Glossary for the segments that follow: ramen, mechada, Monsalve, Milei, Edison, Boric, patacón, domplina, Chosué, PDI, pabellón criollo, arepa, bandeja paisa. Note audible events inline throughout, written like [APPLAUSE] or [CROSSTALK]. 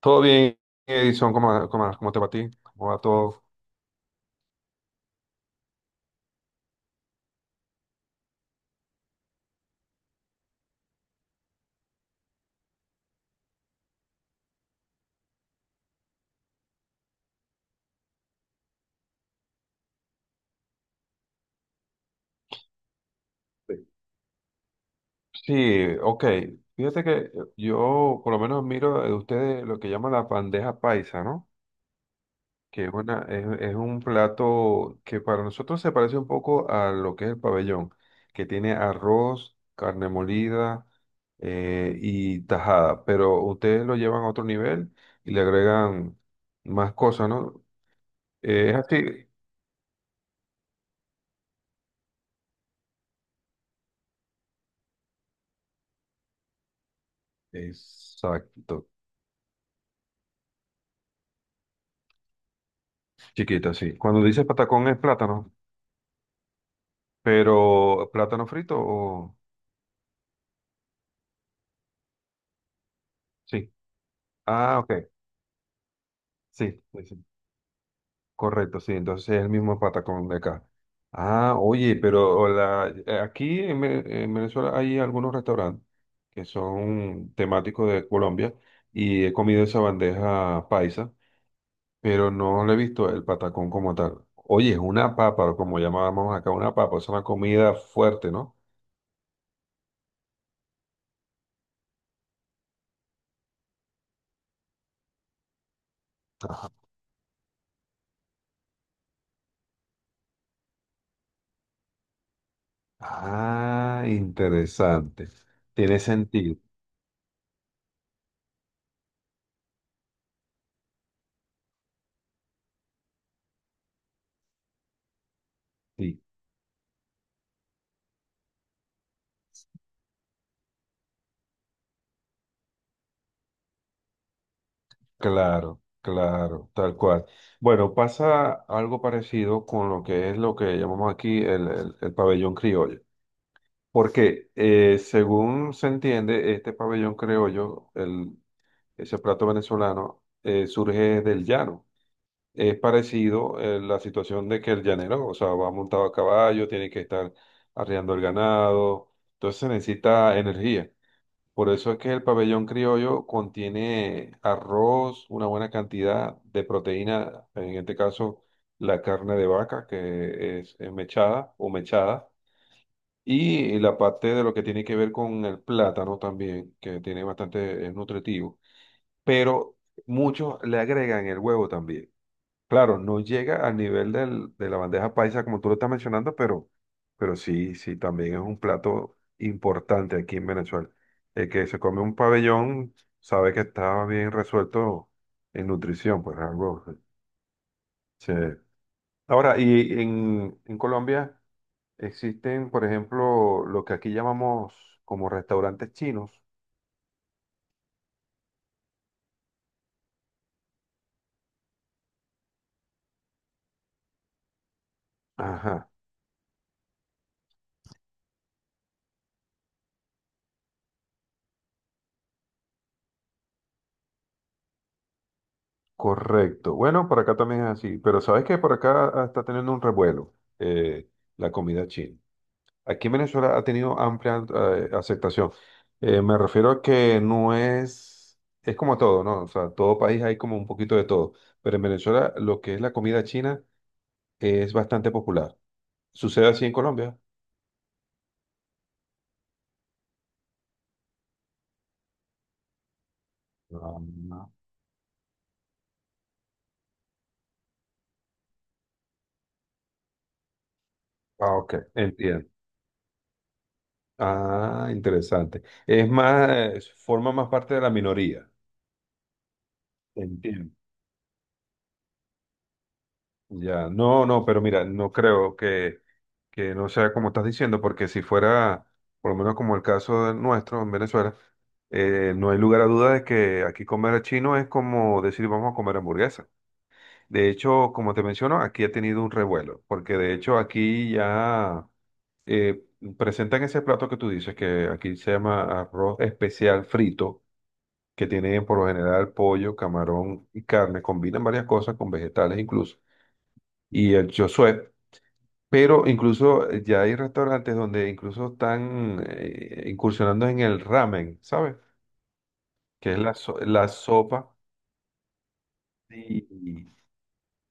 Todo bien, Edison, ¿cómo te va a ti? ¿Cómo va todo? Sí. Sí, ok. Fíjate que yo por lo menos miro de ustedes lo que llaman la bandeja paisa, ¿no? Que es, una, es un plato que para nosotros se parece un poco a lo que es el pabellón, que tiene arroz, carne molida y tajada, pero ustedes lo llevan a otro nivel y le agregan más cosas, ¿no? Es así. Exacto. Chiquita, sí. Cuando dices patacón es plátano, pero plátano frito o... Sí. Ah, ok. Sí, sí, sí. Correcto, sí. Entonces es el mismo patacón de acá. Ah, oye, pero la... aquí en, Ve- en Venezuela hay algunos restaurantes que son temáticos de Colombia y he comido esa bandeja paisa, pero no le he visto el patacón como tal. Oye, es una papa, como llamábamos acá, una papa, es una comida fuerte, ¿no? Ah, interesante. Tiene sentido. Sí, claro, claro, tal cual. Bueno, pasa algo parecido con lo que es lo que llamamos aquí el pabellón criollo. Porque según se entiende, este pabellón criollo, ese plato venezolano, surge del llano. Es parecido la situación de que el llanero, o sea, va montado a caballo, tiene que estar arreando el ganado, entonces se necesita energía. Por eso es que el pabellón criollo contiene arroz, una buena cantidad de proteína, en este caso la carne de vaca, que es mechada o mechada, y la parte de lo que tiene que ver con el plátano también, que tiene bastante, es nutritivo. Pero muchos le agregan el huevo también. Claro, no llega al nivel de la bandeja paisa como tú lo estás mencionando, pero sí, sí, también es un plato importante aquí en Venezuela. El que se come un pabellón sabe que está bien resuelto en nutrición, pues algo. Sí. Ahora, y en Colombia existen, por ejemplo, lo que aquí llamamos como restaurantes chinos. Ajá, correcto. Bueno, por acá también es así, pero sabes que por acá está teniendo un revuelo eh, la comida china. Aquí en Venezuela ha tenido amplia aceptación. Me refiero a que no es, es como todo, ¿no? O sea, todo país hay como un poquito de todo, pero en Venezuela lo que es la comida china es bastante popular. ¿Sucede así en Colombia? No, no. Ah, ok, entiendo. Ah, interesante. Es más, forma más parte de la minoría. Entiendo. Ya, no, no, pero mira, no creo que no sea como estás diciendo, porque si fuera, por lo menos como el caso de nuestro en Venezuela, no hay lugar a duda de que aquí comer chino es como decir vamos a comer hamburguesa. De hecho, como te menciono, aquí ha tenido un revuelo, porque de hecho aquí ya eh, presentan ese plato que tú dices, que aquí se llama arroz especial frito, que tiene por lo general pollo, camarón y carne, combinan varias cosas con vegetales incluso y el Chosué. Pero incluso ya hay restaurantes donde incluso están incursionando en el ramen, ¿sabes? Que es la sopa. Sí,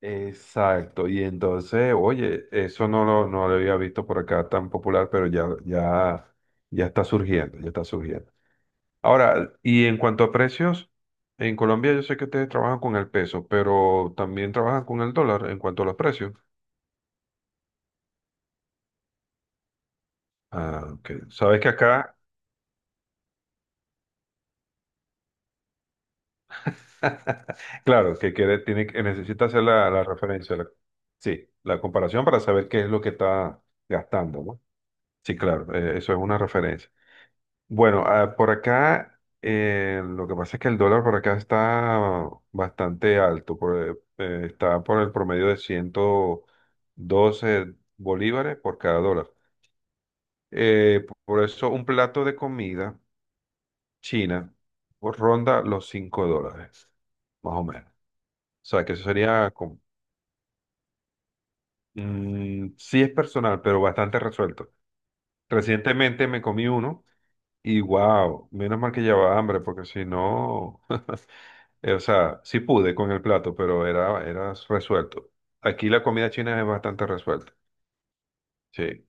exacto. Y entonces, oye, eso no lo había visto por acá tan popular, pero ya, ya, ya está surgiendo, ya está surgiendo. Ahora, y en cuanto a precios, en Colombia yo sé que ustedes trabajan con el peso, pero también trabajan con el dólar en cuanto a los precios. Ah, ok. Sabes que acá [LAUGHS] Claro, que quiere, tiene, necesita hacer la referencia, la- sí, la comparación para saber qué es lo que está gastando, ¿no? Sí, claro, eso es una referencia. Bueno, por acá, lo que pasa es que el dólar por acá está bastante alto, por, está por el promedio de 112 bolívares por cada dólar. Por eso un plato de comida china ronda los $5, más o menos. O sea, que eso sería Mm, sí es personal, pero bastante resuelto. Recientemente me comí uno y wow, menos mal que llevaba hambre, porque si no, [LAUGHS] o sea, sí pude con el plato, pero era, era resuelto. Aquí la comida china es bastante resuelta. Sí.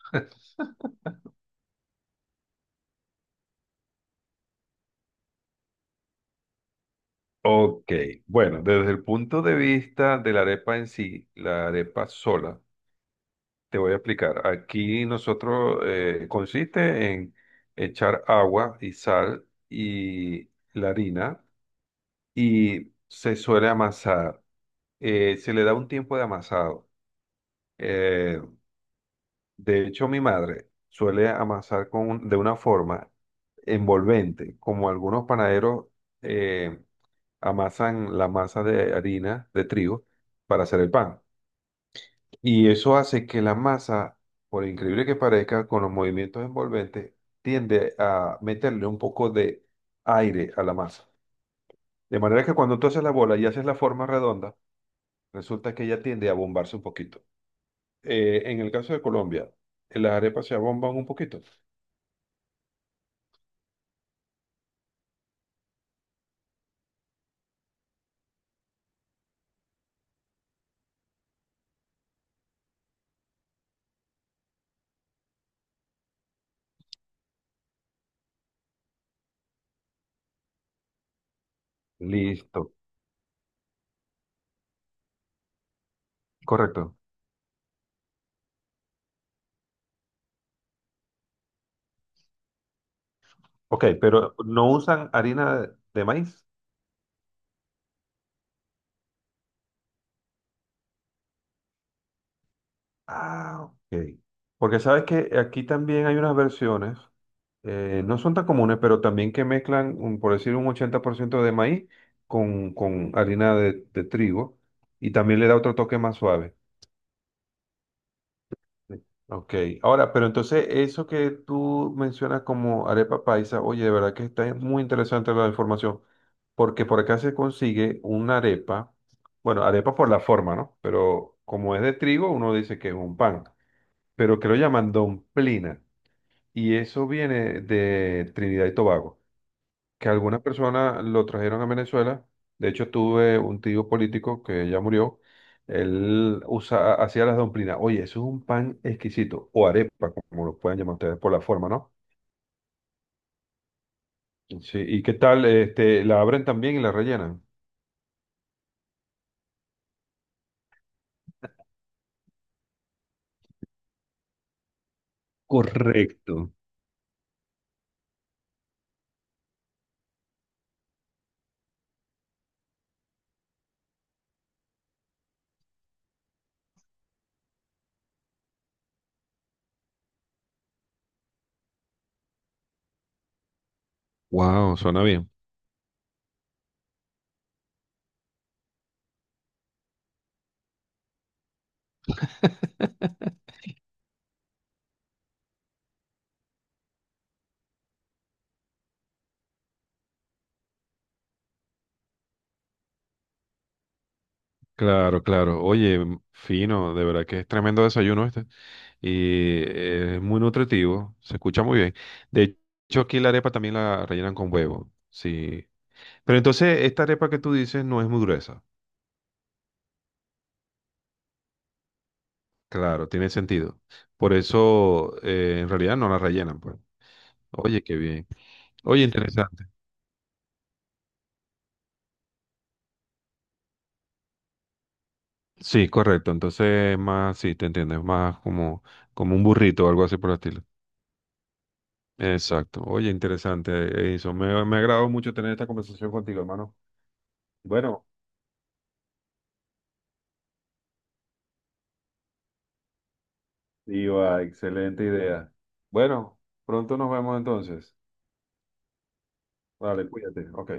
[LAUGHS] Ok, bueno, desde el punto de vista de la arepa en sí, la arepa sola. Te voy a explicar. Aquí nosotros consiste en echar agua y sal y la harina y se suele amasar. Se le da un tiempo de amasado. Eh, de hecho, mi madre suele amasar con de una forma envolvente, como algunos panaderos eh, amasan la masa de harina de trigo para hacer el pan. Y eso hace que la masa, por increíble que parezca, con los movimientos envolventes, tiende a meterle un poco de aire a la masa. De manera que cuando tú haces la bola y haces la forma redonda, resulta que ella tiende a bombarse un poquito. En el caso de Colombia, las arepas se abomban un poquito. Listo, correcto. Ok, pero no usan harina de maíz. Ah, ok. Porque sabes que aquí también hay unas versiones no son tan comunes, pero también que mezclan, un- por decir, un 80% de maíz con harina de trigo y también le da otro toque más suave. Sí. Ok, ahora, pero entonces eso que tú mencionas como arepa paisa, oye, de verdad que está muy interesante la información, porque por acá se consigue una arepa, bueno, arepa por la forma, ¿no? Pero como es de trigo, uno dice que es un pan, pero que lo llaman domplina, y eso viene de Trinidad y Tobago. Que algunas personas lo trajeron a Venezuela. De hecho, tuve un tío político que ya murió. Él usa, hacía las domplinas. Oye, eso es un pan exquisito, o arepa, como lo pueden llamar ustedes por la forma, ¿no? Sí, ¿y qué tal? Este, la abren también y la rellenan. Correcto. Wow, suena bien. Claro, claro. Oye, m- fino, de verdad que es tremendo desayuno este. Y es muy nutritivo, se escucha muy bien. De hecho, aquí la arepa también la rellenan con huevo. Sí, pero entonces, esta arepa que tú dices no es muy gruesa. Claro, tiene sentido. Por eso, en realidad no la rellenan, pues. Oye, qué bien. Oye, interesante. Sí, correcto. Entonces, es más, sí, te entiendo. Es más como, como un burrito o algo así por el estilo. Exacto. Oye, interesante eso. Me ha agradado mucho tener esta conversación contigo, hermano. Bueno, iba, excelente idea. Bueno, pronto nos vemos entonces. Vale, cuídate. Ok.